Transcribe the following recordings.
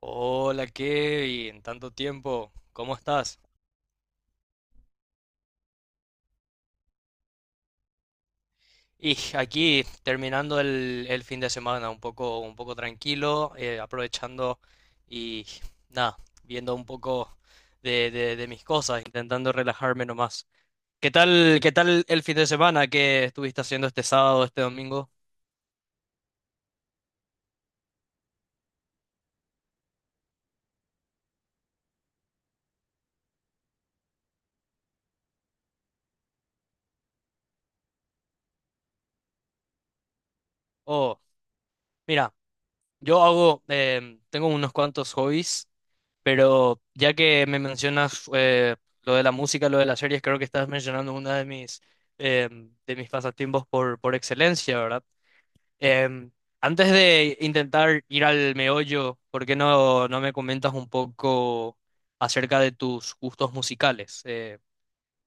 Hola Kevin, tanto tiempo, ¿cómo estás? Y aquí terminando el fin de semana, un poco tranquilo, aprovechando y nada, viendo un poco de mis cosas, intentando relajarme nomás. Qué tal el fin de semana que estuviste haciendo este sábado, este domingo? Oh, mira, tengo unos cuantos hobbies. Pero ya que me mencionas lo de la música, lo de las series, creo que estás mencionando una de mis de mis pasatiempos por excelencia, ¿verdad? Em, Antes de intentar ir al meollo, ¿por qué no me comentas un poco acerca de tus gustos musicales?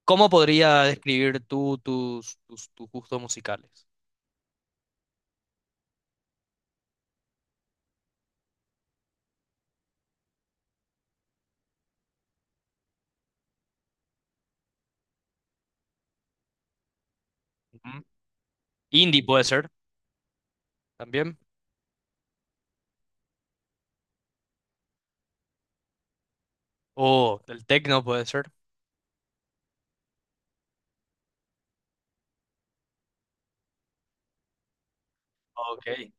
¿Cómo podría describir tú tus gustos musicales? Ujú. Indie puede ser también, o el techno puede ser. Ok.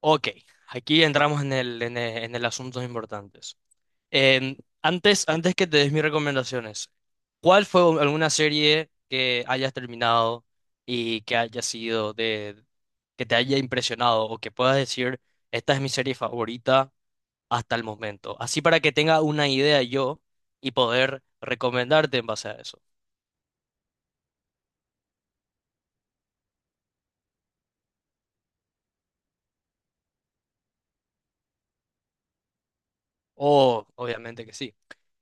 Ok, aquí entramos en en el asuntos importantes. Em, Antes que te des mis recomendaciones, ¿cuál fue u- alguna serie que hayas terminado y que haya sido de, que te haya impresionado o que puedas decir, esta es mi serie favorita hasta el momento? Así para que tenga una idea yo y poder recomendarte en base a eso. Oh, obviamente que sí.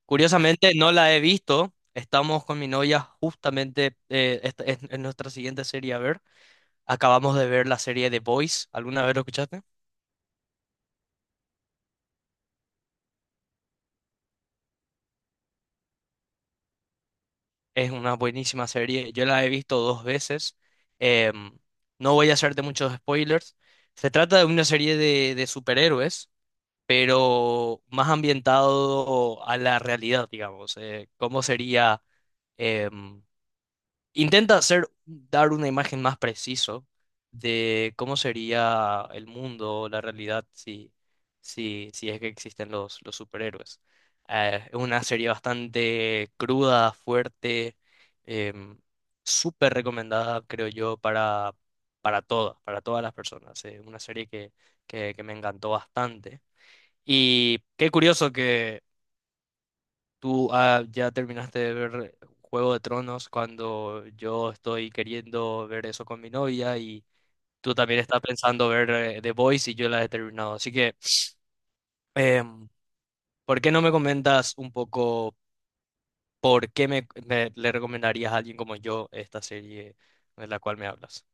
Curiosamente no la he visto. Estamos con mi novia justamente es nuestra siguiente serie a ver. Acabamos de ver la serie The Boys. ¿Alguna vez lo escuchaste? Es una buenísima serie. Yo la he visto dos veces. Em, no voy a hacerte muchos spoilers. Se trata de una serie de superhéroes, pero más ambientado a la realidad, digamos. ¿Cómo sería? em, Intenta hacer, dar una imagen más preciso de cómo sería el mundo, la realidad, si es que existen los superhéroes. Es una serie bastante cruda, fuerte, em, súper recomendada, creo yo, para todas las personas. Es una serie que me encantó bastante. Y qué curioso, tú ah, ya terminaste de ver Juego de Tronos cuando yo estoy queriendo ver eso con mi novia y tú también estás pensando ver The Boys y yo la he terminado. Así que, em, ¿por qué no me comentas un poco por qué le recomendarías a alguien como yo esta serie de la cual me hablas?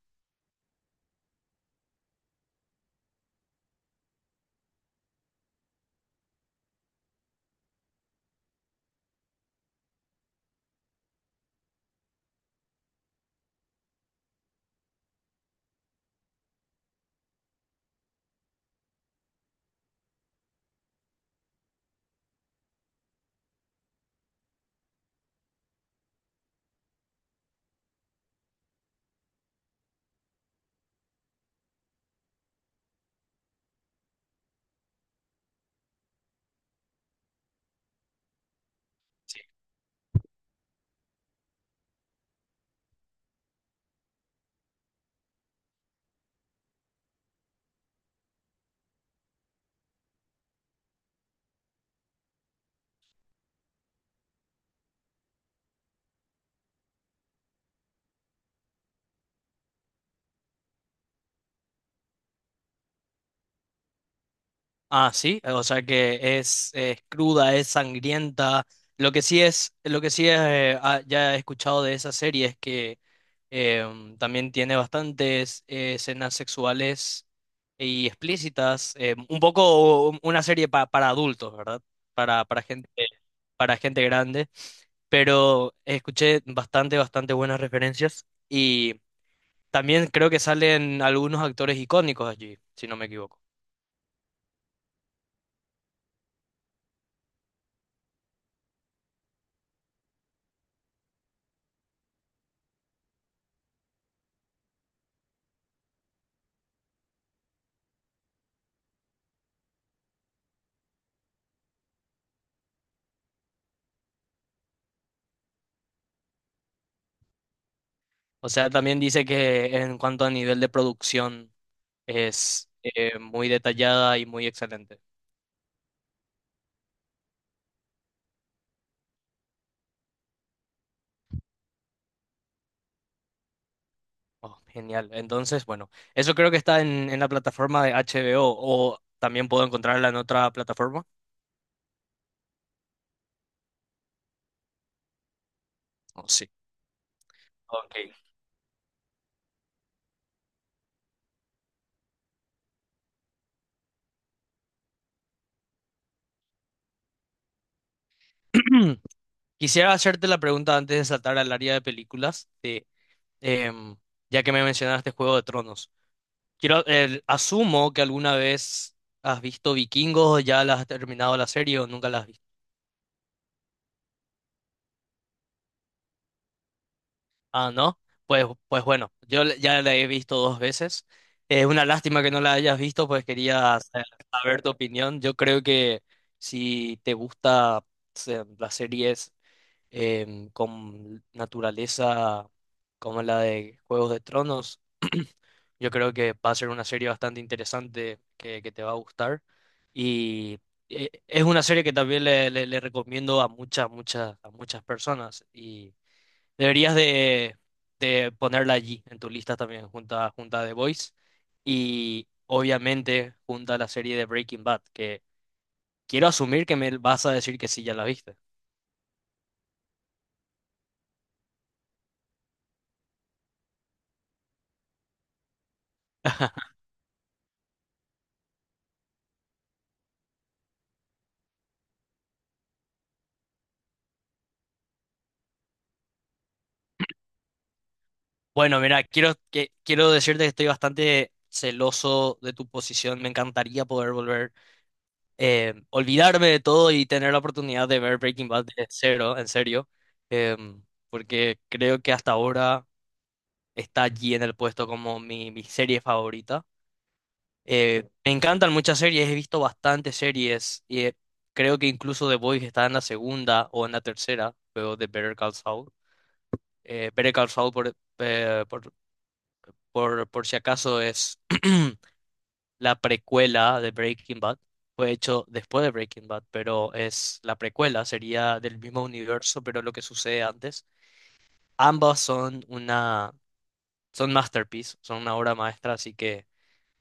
Ah, sí, o sea que es cruda, es sangrienta. Lo que sí es, ya he escuchado de esa serie es que también tiene bastantes escenas sexuales y explícitas. Un poco u- una serie pa- para adultos, ¿verdad? Para gente, para gente grande. Pero escuché bastante, bastante buenas referencias y también creo que salen algunos actores icónicos allí, si no me equivoco. O sea, también dice que en cuanto a nivel de producción es muy detallada y muy excelente. Oh, genial. Entonces, bueno, eso creo que está en la plataforma de HBO o también puedo encontrarla en otra plataforma. Oh, sí. Ok. Quisiera hacerte la pregunta antes de saltar al área de películas, em, ya que me mencionaste Juego de Tronos. Asumo que alguna vez has visto Vikingos, ya la has terminado la serie o nunca la has. ¿Ah, no? Pues, pues bueno, yo le- ya la he visto dos veces. Es una lástima que no la hayas visto, pues quería sa- saber tu opinión. Yo creo que si te gusta se- las series con naturaleza como la de Juegos de Tronos, yo creo que va a ser una serie bastante interesante que te va a gustar. Y es una serie que también le recomiendo a muchas, muchas, a muchas personas. Deberías de, de ponerla allí en tu lista también, junto a The Voice y obviamente junto a la serie de Breaking Bad, que quiero asumir que me vas a decir que sí, ya la viste. Bueno, mira, quiero decirte que estoy bastante celoso de tu posición. Me encantaría poder volver, olvidarme de todo y tener la oportunidad de ver Breaking Bad de cero, en serio, em, porque creo que hasta ahora está allí en el puesto como mi serie favorita. Me encantan muchas series, he visto bastantes series y creo que incluso The Boys está en la segunda o en la tercera, pero de Better Call Saul. Better Call Saul, por si acaso, es la precuela de Breaking Bad. Fue hecho después de Breaking Bad, pero es la precuela, sería del mismo universo, pero lo que sucede antes. Ambas son una, Son masterpiece, son una obra maestra, así que...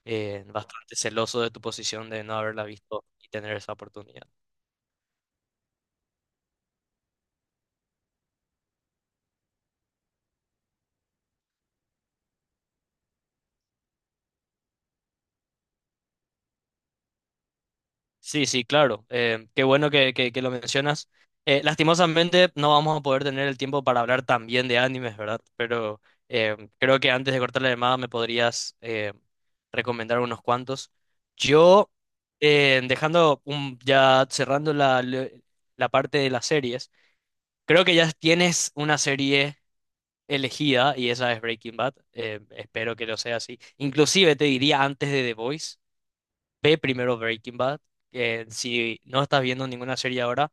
bastante celoso de tu posición de no haberla visto y tener esa oportunidad. Sí, sí, claro. Qué bueno que lo mencionas. Lastimosamente no vamos a poder tener el tiempo para hablar también de animes, ¿verdad? Pero creo que antes de cortar la llamada me podrías recomendar unos cuantos. Yo, Dejando un- ya cerrando la parte de las series, creo que ya tienes una serie elegida y esa es Breaking Bad. Eh, espero que lo sea así. Inclusive te diría antes de The Voice, ve primero Breaking Bad. Que si no estás viendo ninguna serie ahora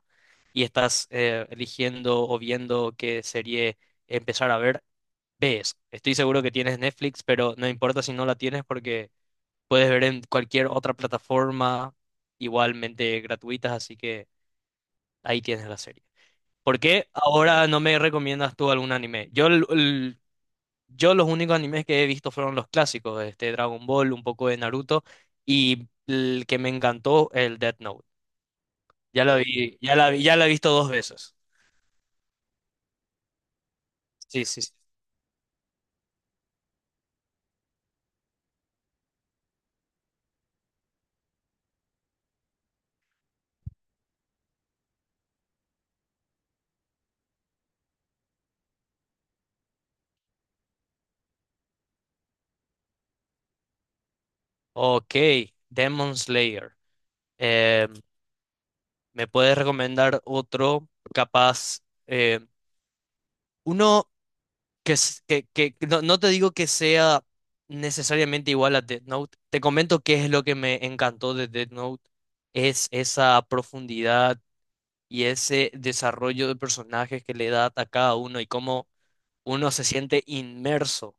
y estás eligiendo o viendo qué serie empezar a ver, ves. Estoy seguro que tienes Netflix, pero no importa si no la tienes porque puedes ver en cualquier otra plataforma igualmente gratuitas, así que ahí tienes la serie. ¿Por qué ahora no me recomiendas tú algún anime? Yo los únicos animes que he visto fueron los clásicos, este Dragon Ball, un poco de Naruto y el que me encantó, el Death Note. Ya la he visto dos veces. Sí, sí, sí. Ok, Demon Slayer. Eh, ¿Me puedes recomendar otro capaz? Eh, uno que, s- Que no, no te digo que sea necesariamente igual a Death Note. Te comento qué es lo que me encantó de Death Note. Es esa profundidad y ese desarrollo de personajes que le da a cada uno y cómo uno se siente inmerso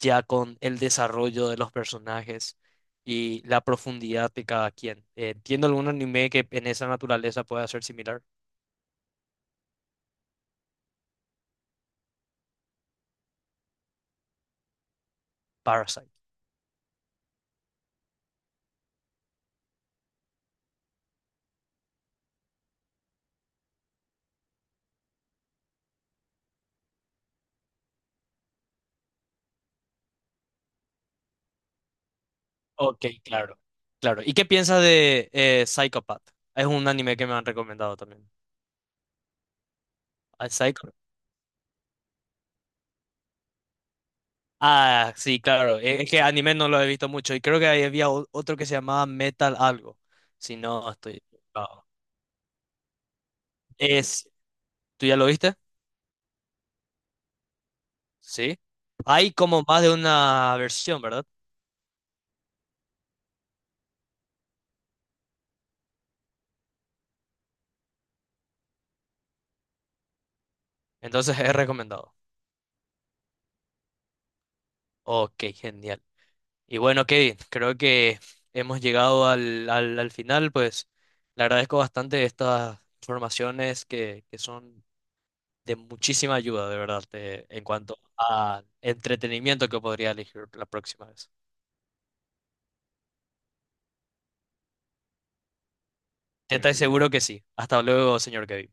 ya con el desarrollo de los personajes y la profundidad de cada quien. ¿Entiendo algún anime que en esa naturaleza pueda ser similar? Parasite. Ok, claro. Claro. ¿Y qué piensas de Psychopath? Es un anime que me han recomendado también. Ah, Psycho- Ah, sí, claro. Es que anime no lo he visto mucho y creo que ahí había o- otro que se llamaba Metal algo, si no estoy... Es, ¿tú ya lo viste? Sí. Hay como más de una versión, ¿verdad? Entonces es recomendado. Ok, genial. Y bueno, Kevin, creo que hemos llegado al final, pues le agradezco bastante estas informaciones que son de muchísima ayuda, de verdad, de- en cuanto a entretenimiento que podría elegir la próxima vez. Te seguro que sí. Hasta luego, señor Kevin.